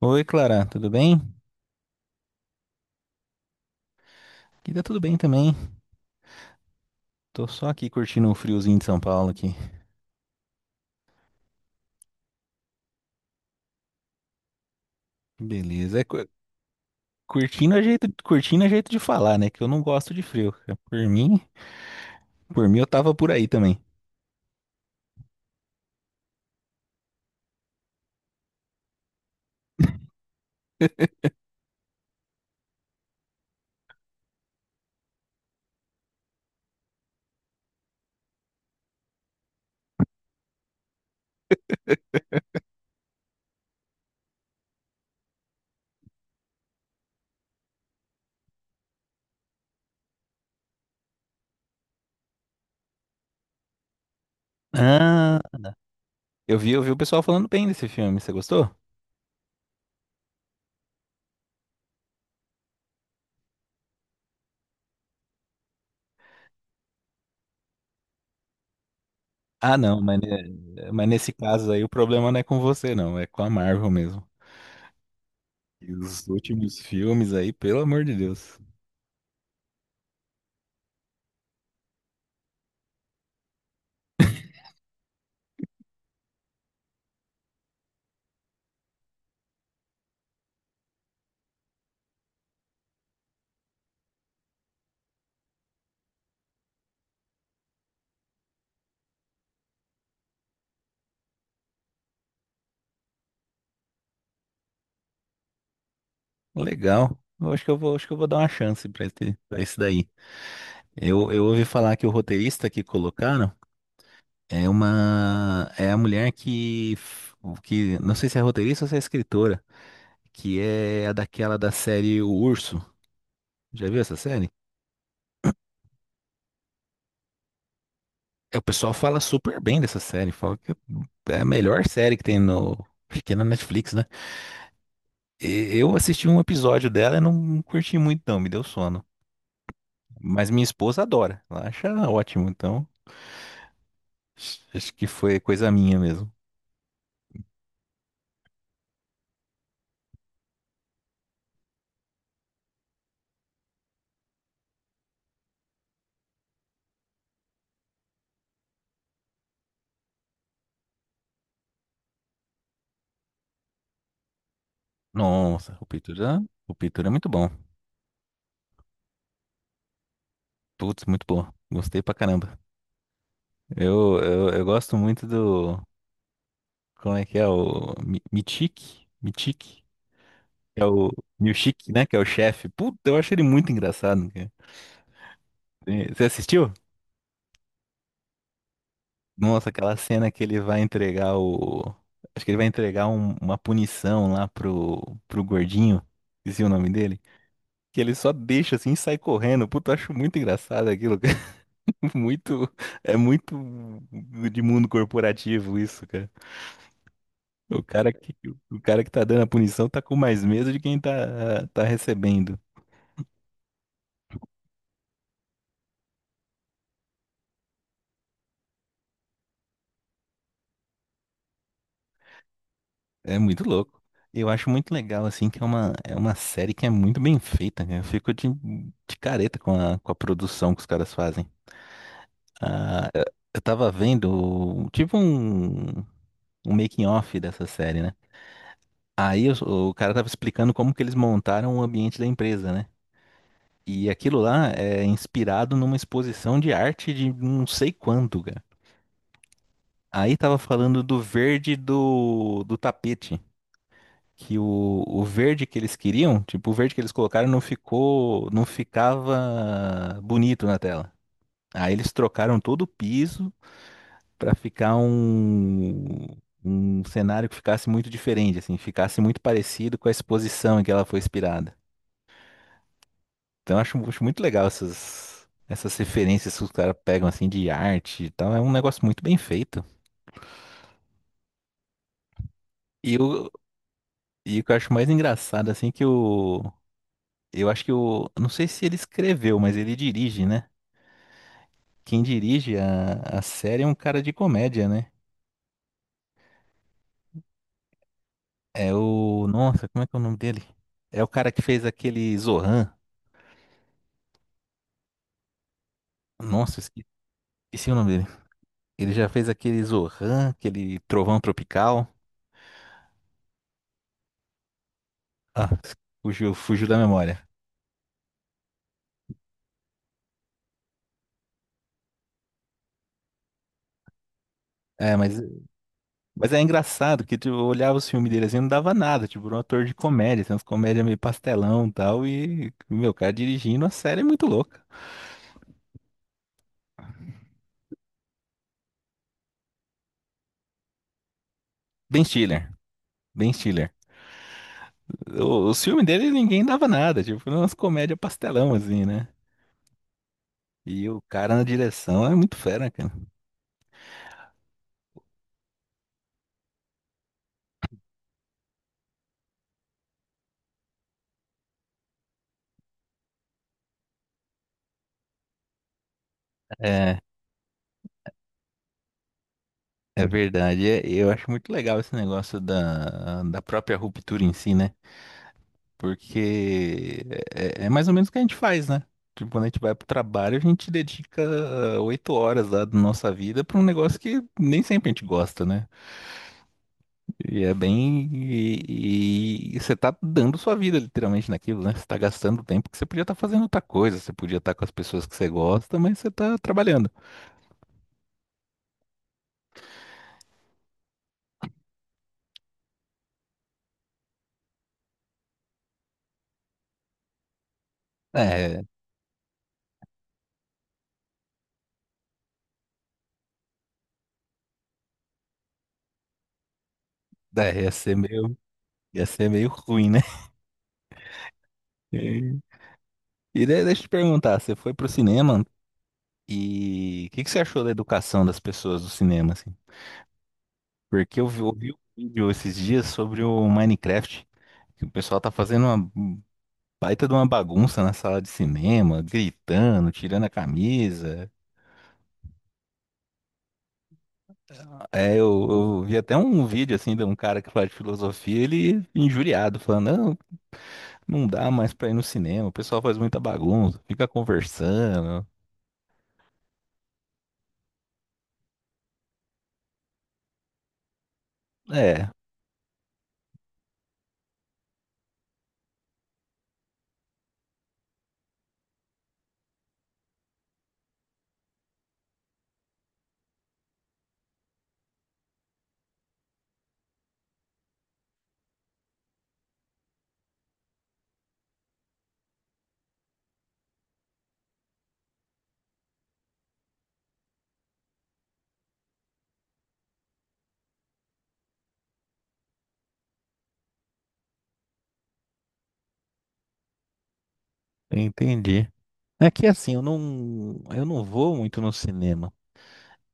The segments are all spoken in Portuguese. Oi, Clara, tudo bem? Aqui tá tudo bem também. Tô só aqui curtindo o friozinho de São Paulo aqui. Beleza. É, curtindo é jeito de falar, né? Que eu não gosto de frio. É, por mim eu tava por aí também. Ah, eu vi o pessoal falando bem desse filme. Você gostou? Ah, não, mas nesse caso aí o problema não é com você, não. É com a Marvel mesmo. E os últimos filmes aí, pelo amor de Deus. Legal. Eu acho que acho que eu vou dar uma chance pra esse daí. Eu ouvi falar que o roteirista que colocaram é uma é a mulher que não sei se é roteirista ou se é escritora, que é a daquela da série O Urso. Já viu essa série? É, o pessoal fala super bem dessa série, fala que é a melhor série que tem no, acho que é na Netflix, né? Eu assisti um episódio dela e não curti muito não, me deu sono. Mas minha esposa adora, ela acha ótimo, então acho que foi coisa minha mesmo. Nossa, o Pitura é muito bom. Putz, muito bom. Gostei pra caramba. Eu gosto muito do. Como é que é? O Mitique? Mitique? Que é o Milchick, né? Que é o chefe. Puta, eu acho ele muito engraçado, né, cara. Você assistiu? Nossa, aquela cena que ele vai entregar o. Acho que ele vai entregar uma punição lá pro, gordinho. Esqueci o nome dele. Que ele só deixa assim e sai correndo. Puta, eu acho muito engraçado aquilo, cara. Muito. É muito de mundo corporativo isso, cara. O cara que, o cara que tá dando a punição tá com mais medo de quem tá recebendo. É muito louco. Eu acho muito legal, assim, que é uma série que é muito bem feita, né? Eu fico de careta com a produção que os caras fazem. Ah, eu tava vendo, tipo um making of dessa série, né? Aí o cara tava explicando como que eles montaram o ambiente da empresa, né? E aquilo lá é inspirado numa exposição de arte de não sei quanto, cara. Aí tava falando do verde do tapete. Que o verde que eles queriam, tipo, o verde que eles colocaram não ficou, não ficava bonito na tela. Aí eles trocaram todo o piso pra ficar um cenário que ficasse muito diferente, assim, ficasse muito parecido com a exposição em que ela foi inspirada. Então eu acho muito legal essas referências que os caras pegam, assim, de arte e tal. É um negócio muito bem feito. E o, e o que eu acho mais engraçado, assim, é que o... Eu acho que o... Não sei se ele escreveu, mas ele dirige, né? Quem dirige a série é um cara de comédia, né? É o. Nossa, como é que é o nome dele? É o cara que fez aquele Zohan. Nossa, esqueci o nome dele. Ele já fez aquele Zohan, aquele Trovão Tropical. Ah, fugiu da memória. É, mas é engraçado que tu olhava os filmes dele assim, não dava nada. Tipo, era um ator de comédia, assim, umas comédias meio pastelão e tal. E, meu, o cara dirigindo a série é muito louca. Ben Stiller. Ben Stiller. Os filmes dele ninguém dava nada, tipo, foi umas comédias pastelão, assim, né? E o cara na direção é muito fera, cara. É, é verdade. É, eu acho muito legal esse negócio da própria ruptura em si, né? Porque é mais ou menos o que a gente faz, né? Tipo, quando a gente vai pro trabalho, a gente dedica 8 horas lá da nossa vida pra um negócio que nem sempre a gente gosta, né? E é bem. E você tá dando sua vida literalmente naquilo, né? Você tá gastando tempo que você podia estar fazendo outra coisa, você podia estar com as pessoas que você gosta, mas você tá trabalhando. É, é, ia ser meio ruim, né? E e daí, deixa eu te perguntar, você foi pro cinema e o que, que você achou da educação das pessoas do cinema, assim? Porque eu vi, ouvi um vídeo esses dias sobre o Minecraft, que o pessoal tá fazendo uma um baita de uma bagunça na sala de cinema, gritando, tirando a camisa. É, eu vi até um vídeo assim de um cara que fala de filosofia, ele injuriado, falando, não, não dá mais pra ir no cinema, o pessoal faz muita bagunça, fica conversando. É, entendi. É que assim, eu não vou muito no cinema.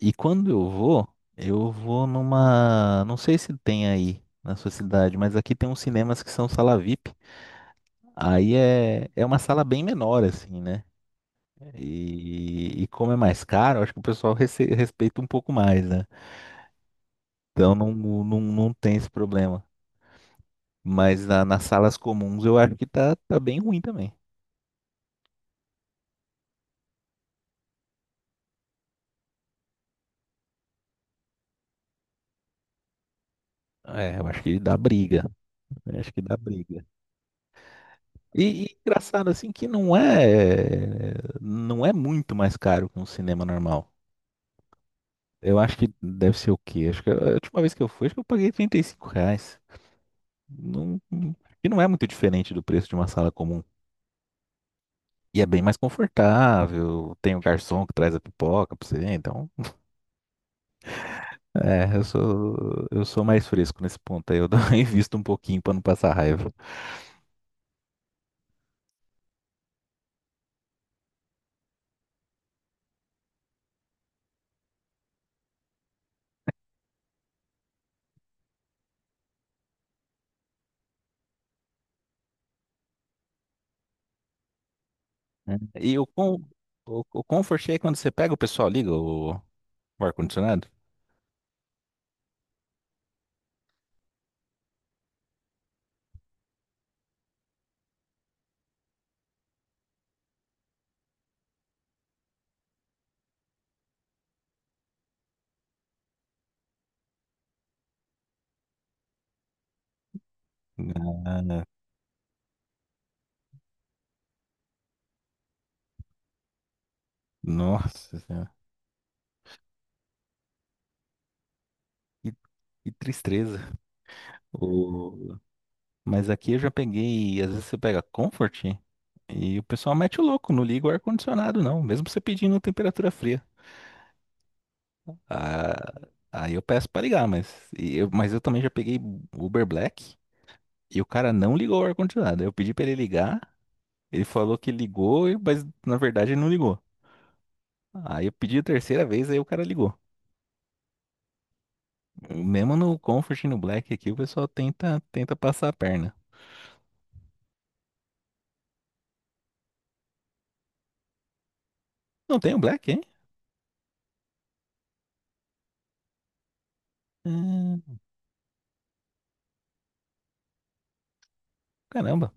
E quando eu vou numa, não sei se tem aí na sua cidade, mas aqui tem uns cinemas que são sala VIP. Aí é uma sala bem menor assim, né? E como é mais caro, acho que o pessoal respeita um pouco mais, né? Então não, não, não tem esse problema. Mas nas salas comuns eu acho que tá bem ruim também. É, eu acho que dá briga. Eu acho que dá briga. E engraçado assim que não é muito mais caro que um cinema normal. Eu acho que deve ser o quê? Acho que a última vez que eu fui, acho que eu paguei R$ 35. Não, e não é muito diferente do preço de uma sala comum. E é bem mais confortável, tem o garçom que traz a pipoca pra você, então. É, eu sou mais fresco nesse ponto aí, invisto um pouquinho pra não passar raiva. Né? O comfort é quando você pega, o pessoal liga o ar-condicionado? Ah, nossa, Que, que tristeza. O... Mas aqui eu já peguei, às vezes você pega Comfort e o pessoal mete o louco, não liga o ar-condicionado não, mesmo você pedindo temperatura fria. Ah, aí eu peço pra ligar, mas eu também já peguei Uber Black e o cara não ligou o ar-condicionado. Eu pedi pra ele ligar, ele falou que ligou, mas na verdade ele não ligou. Aí eu pedi a terceira vez, aí o cara ligou. Mesmo no Comfort e no Black aqui, o pessoal tenta passar a perna. Não tem o Black, hein? Hum, Caramba.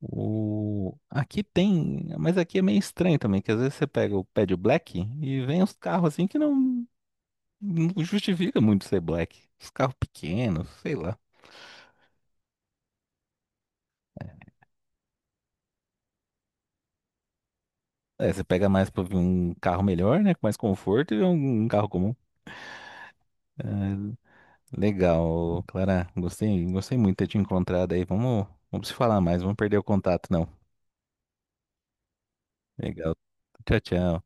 Aqui tem, mas aqui é meio estranho também, que às vezes você pega o pé de black e vem uns carros assim que não justifica muito ser black. Os carros pequenos, sei lá. É, você pega mais pra um carro melhor, né? Com mais conforto e um carro comum. É, legal, Clara. Gostei muito de ter te encontrado aí. Vamos se falar mais, vamos perder o contato, não. Legal. Tchau, tchau.